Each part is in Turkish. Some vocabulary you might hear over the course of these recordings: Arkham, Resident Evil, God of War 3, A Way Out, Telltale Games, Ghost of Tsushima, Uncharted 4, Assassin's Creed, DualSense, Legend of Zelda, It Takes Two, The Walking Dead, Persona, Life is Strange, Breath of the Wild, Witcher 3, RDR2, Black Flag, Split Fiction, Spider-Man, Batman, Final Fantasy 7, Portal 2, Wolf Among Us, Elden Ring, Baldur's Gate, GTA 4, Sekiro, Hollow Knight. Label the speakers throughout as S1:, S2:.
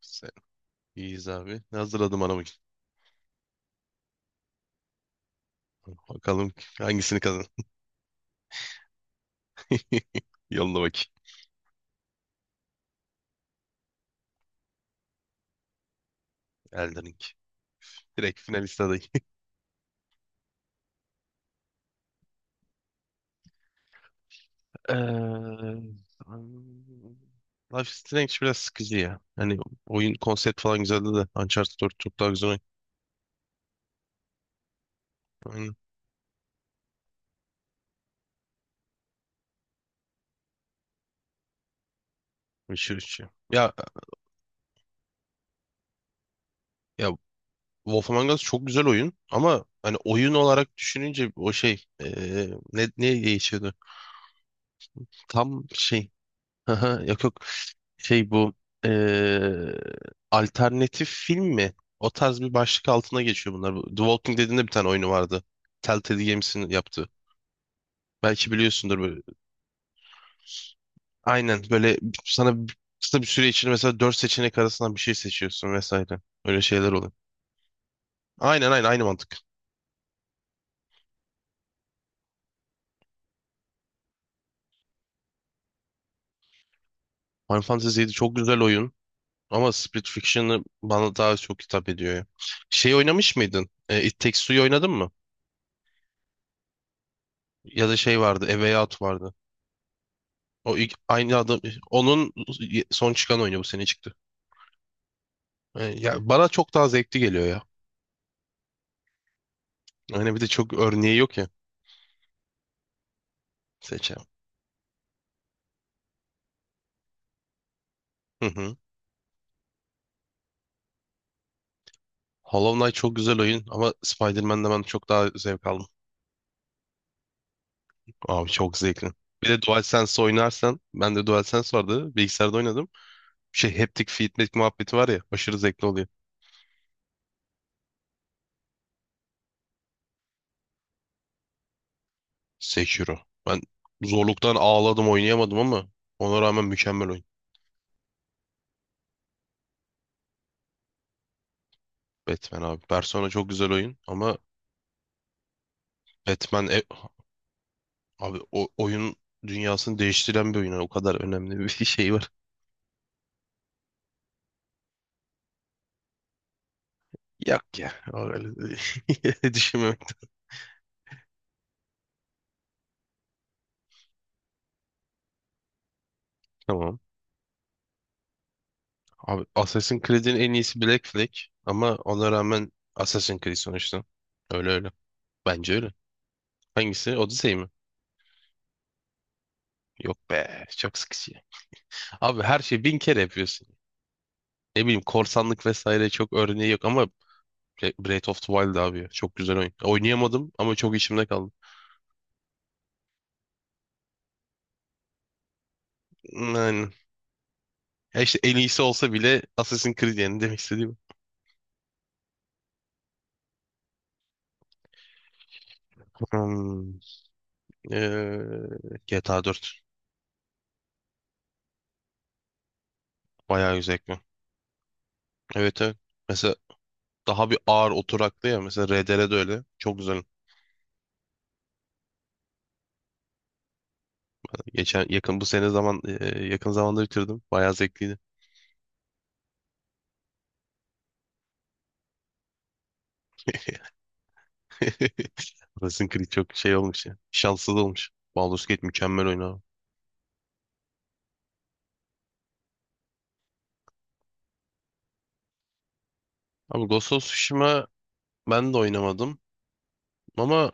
S1: Sen iyiyiz abi. Ne hazırladım ana bakayım. Bakalım hangisini kazan. Yolla bakayım. Elden Ring. Direkt finalist adayı. Eee, Life is Strange biraz sıkıcı ya. Hani oyun konsept falan güzeldi de Uncharted 4 çok daha güzel oyun. Aynen. Witcher 3 ya. Ya, ya Wolf Among Us çok güzel oyun ama hani oyun olarak düşününce o şey, ne değişiyordu? Tam şey. Aha, yok yok, şey bu, eee, alternatif film mi? O tarz bir başlık altına geçiyor bunlar. Bu The Walking Dead'in de bir tane oyunu vardı. Telltale Games'in yaptığı. Belki biliyorsundur böyle. Aynen böyle, sana kısa bir süre içinde mesela dört seçenek arasından bir şey seçiyorsun vesaire. Öyle şeyler oluyor. Aynen aynen, aynı mantık. Final Fantasy 7 çok güzel oyun ama Split Fiction'ı bana daha çok hitap ediyor ya. Şey, oynamış mıydın? It Takes Two'yu oynadın mı? Ya da şey vardı, A Way Out vardı. O ilk, aynı adam, onun son çıkan oyunu bu sene çıktı. Yani ya bana çok daha zevkli geliyor ya. Yani bir de çok örneği yok ya, seçeceğim. Hı hı. Hollow Knight çok güzel oyun ama Spider-Man'de ben çok daha zevk aldım. Abi çok zevkli. Bir de DualSense oynarsan, ben de DualSense vardı, bilgisayarda oynadım. Şey, haptic feedback muhabbeti var ya, aşırı zevkli oluyor. Sekiro. Ben zorluktan ağladım, oynayamadım ama ona rağmen mükemmel oyun. Batman abi. Persona çok güzel oyun ama Batman. E, abi o oyun dünyasını değiştiren bir oyun. Yani o kadar önemli bir şey var. Yok ya. Öyle düşünmemek. Tamam. Abi Assassin's Creed'in en iyisi Black Flag. Ama ona rağmen Assassin's Creed sonuçta. Öyle öyle. Bence öyle. Hangisi? Odyssey mi? Yok be. Çok sıkıcı. Abi her şeyi bin kere yapıyorsun. Ne bileyim, korsanlık vesaire çok örneği yok ama Breath of the Wild abi ya. Çok güzel oyun. Oynayamadım ama çok içimde kaldı. Yani. Ya işte, en iyisi olsa bile Assassin's Creed yani demek istediğim. Hmm, eee, GTA 4 bayağı güzel ekran. Evet evet. Mesela daha bir ağır oturaklı ya. Mesela RDR de öyle. Çok güzel. Geçen yakın bu sene zaman, yakın zamanda bitirdim. Bayağı zevkliydi. Assassin's Creed çok şey olmuş ya. Şanssız olmuş. Baldur's Gate mükemmel oyun abi. Abi Ghost of Tsushima, ben de oynamadım. Ama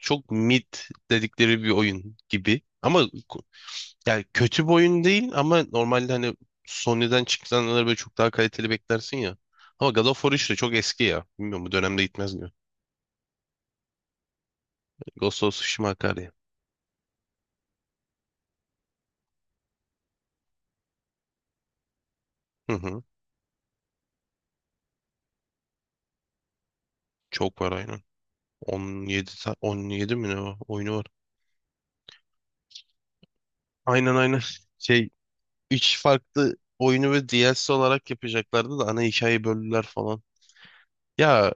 S1: çok mid dedikleri bir oyun gibi. Ama yani kötü bir oyun değil ama normalde hani Sony'den çıkanları böyle çok daha kaliteli beklersin ya. Ama God of War 3 de çok eski ya. Bilmiyorum, bu dönemde gitmez gibi. Ghost of Tsushima akar ya. Hı hı. Çok var aynen. 17, 17 mi ne var? Oyunu var. Aynen aynen. Şey, 3 farklı oyunu ve DLC olarak yapacaklardı da ana hikayeyi böldüler falan. Ya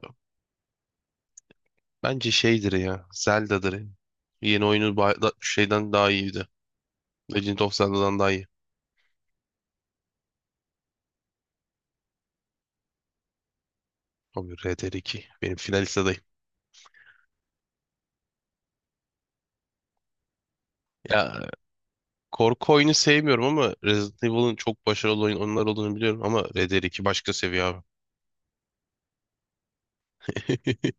S1: bence şeydir ya, Zelda'dır ya. Yeni oyunu şeyden daha iyiydi. Legend of Zelda'dan daha iyi. Abi RDR2. Benim finalist adayım. Ya, korku oyunu sevmiyorum ama Resident Evil'ın çok başarılı oyun onlar olduğunu biliyorum ama Red Dead 2 başka seviye abi.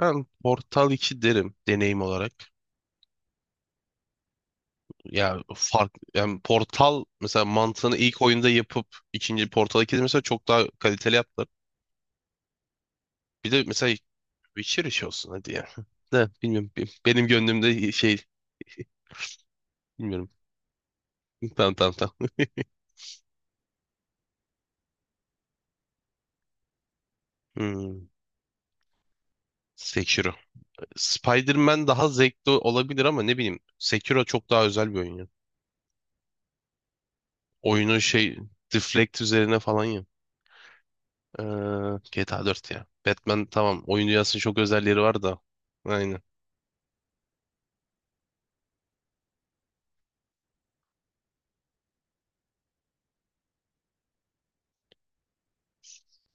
S1: Ben Portal 2 derim deneyim olarak. Ya fark yani, Portal mesela mantığını ilk oyunda yapıp ikinci Portal 2'de mesela çok daha kaliteli yaptılar. Bir de mesela Witcher iş olsun hadi ya. De bilmiyorum, benim gönlümde şey, bilmiyorum. Tamam tamam tamam. Hmm. Sekiro. Spider-Man daha zevkli olabilir ama ne bileyim, Sekiro çok daha özel bir oyun. Oyunu şey, Deflect üzerine falan ya. Ee, GTA 4 ya. Batman tamam, oyun dünyasının çok özellikleri var da. Aynen.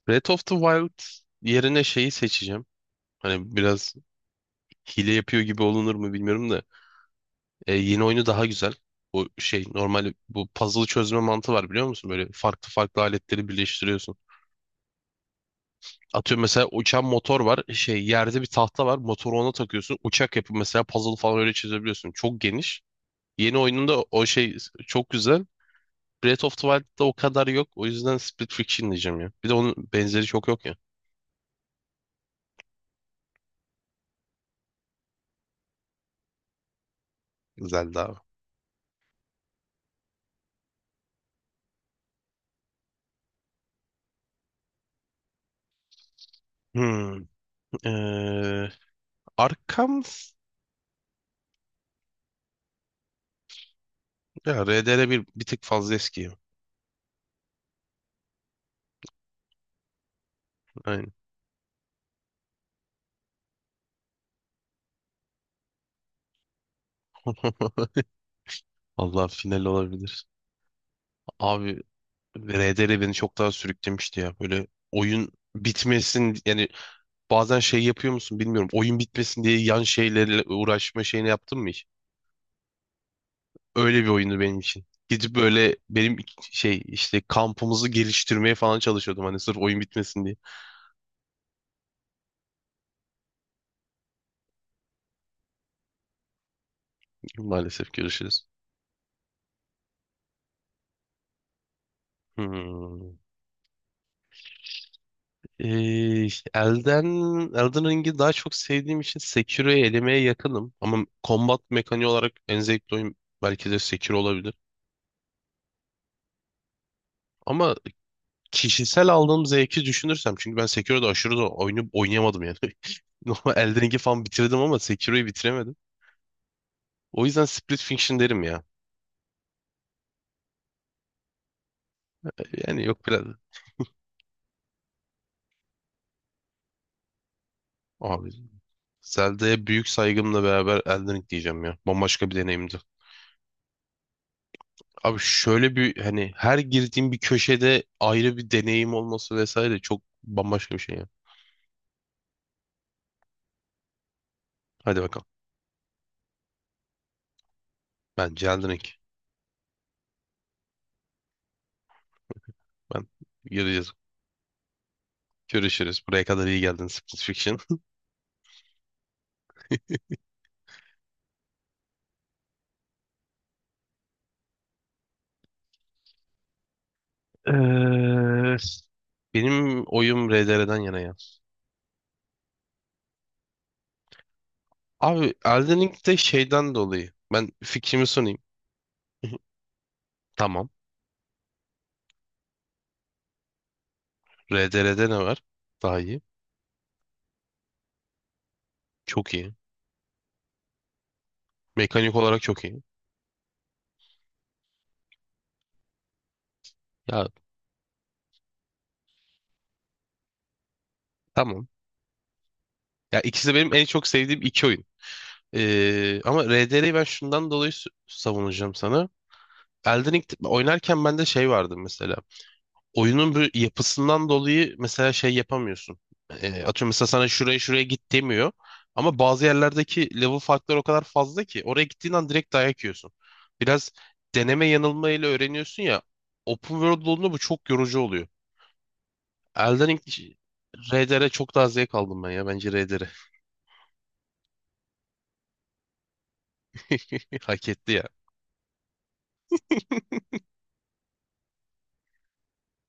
S1: Breath of the Wild yerine şeyi seçeceğim. Hani biraz hile yapıyor gibi olunur mu bilmiyorum da. Yeni oyunu daha güzel. Bu şey normal, bu puzzle çözme mantığı var, biliyor musun? Böyle farklı farklı aletleri birleştiriyorsun. Atıyorum mesela uçan motor var. Şey, yerde bir tahta var. Motoru ona takıyorsun. Uçak yapıp mesela puzzle falan öyle çözebiliyorsun. Çok geniş. Yeni oyununda o şey çok güzel. Breath of the Wild'da o kadar yok. O yüzden Split Fiction diyeceğim ya. Bir de onun benzeri çok yok ya. Zelda abi. Hmm. Ee, Arkham ya RDR, bir tık fazla eski. Aynen. Allah, final olabilir. Abi RDR beni çok daha sürüklemişti ya. Böyle oyun bitmesin yani, bazen şey yapıyor musun bilmiyorum. Oyun bitmesin diye yan şeylerle uğraşma şeyini yaptın mı hiç? Öyle bir oyundu benim için. Gidip böyle benim şey, işte kampımızı geliştirmeye falan çalışıyordum. Hani sırf oyun bitmesin diye. Maalesef görüşürüz. Hmm. İşte Elden Ring'i daha çok sevdiğim için Sekiro'yu elemeye yakınım. Ama combat mekaniği olarak en zevkli oyun belki de Sekiro olabilir. Ama kişisel aldığım zevki düşünürsem, çünkü ben Sekiro'da aşırı da oyunu oynayamadım yani. Normal Elden Ring'i falan bitirdim ama Sekiro'yu bitiremedim. O yüzden Split Fiction derim ya. Yani yok, biraz... Abi Zelda'ya büyük saygımla beraber Elden Ring diyeceğim ya. Bambaşka bir deneyimdi. Abi şöyle bir, hani her girdiğim bir köşede ayrı bir deneyim olması vesaire, çok bambaşka bir şey ya. Hadi bakalım. Bence Elden Ring. Ben, göreceğiz. Görüşürüz. Buraya kadar iyi geldin Split Fiction. Eee, benim oyum RDR'den yana ya. Abi Elden Ring'de şeyden dolayı. Ben fikrimi sunayım. Tamam. RDR'de ne var? Daha iyi. Çok iyi. Mekanik olarak çok iyi. Ya tamam. Ya ikisi de benim en çok sevdiğim iki oyun. Ama RDR'yi ben şundan dolayı savunacağım sana. Elden Ring oynarken bende şey vardı mesela. Oyunun bu yapısından dolayı mesela şey yapamıyorsun. Atıyorum, mesela sana şuraya şuraya git demiyor. Ama bazı yerlerdeki level farkları o kadar fazla ki oraya gittiğin an direkt dayak yiyorsun. Biraz deneme yanılmayla öğreniyorsun ya. Open World olduğunda bu çok yorucu oluyor. Elden Ring, RDR çok daha zevk aldım ben ya. Bence RDR hak etti ya.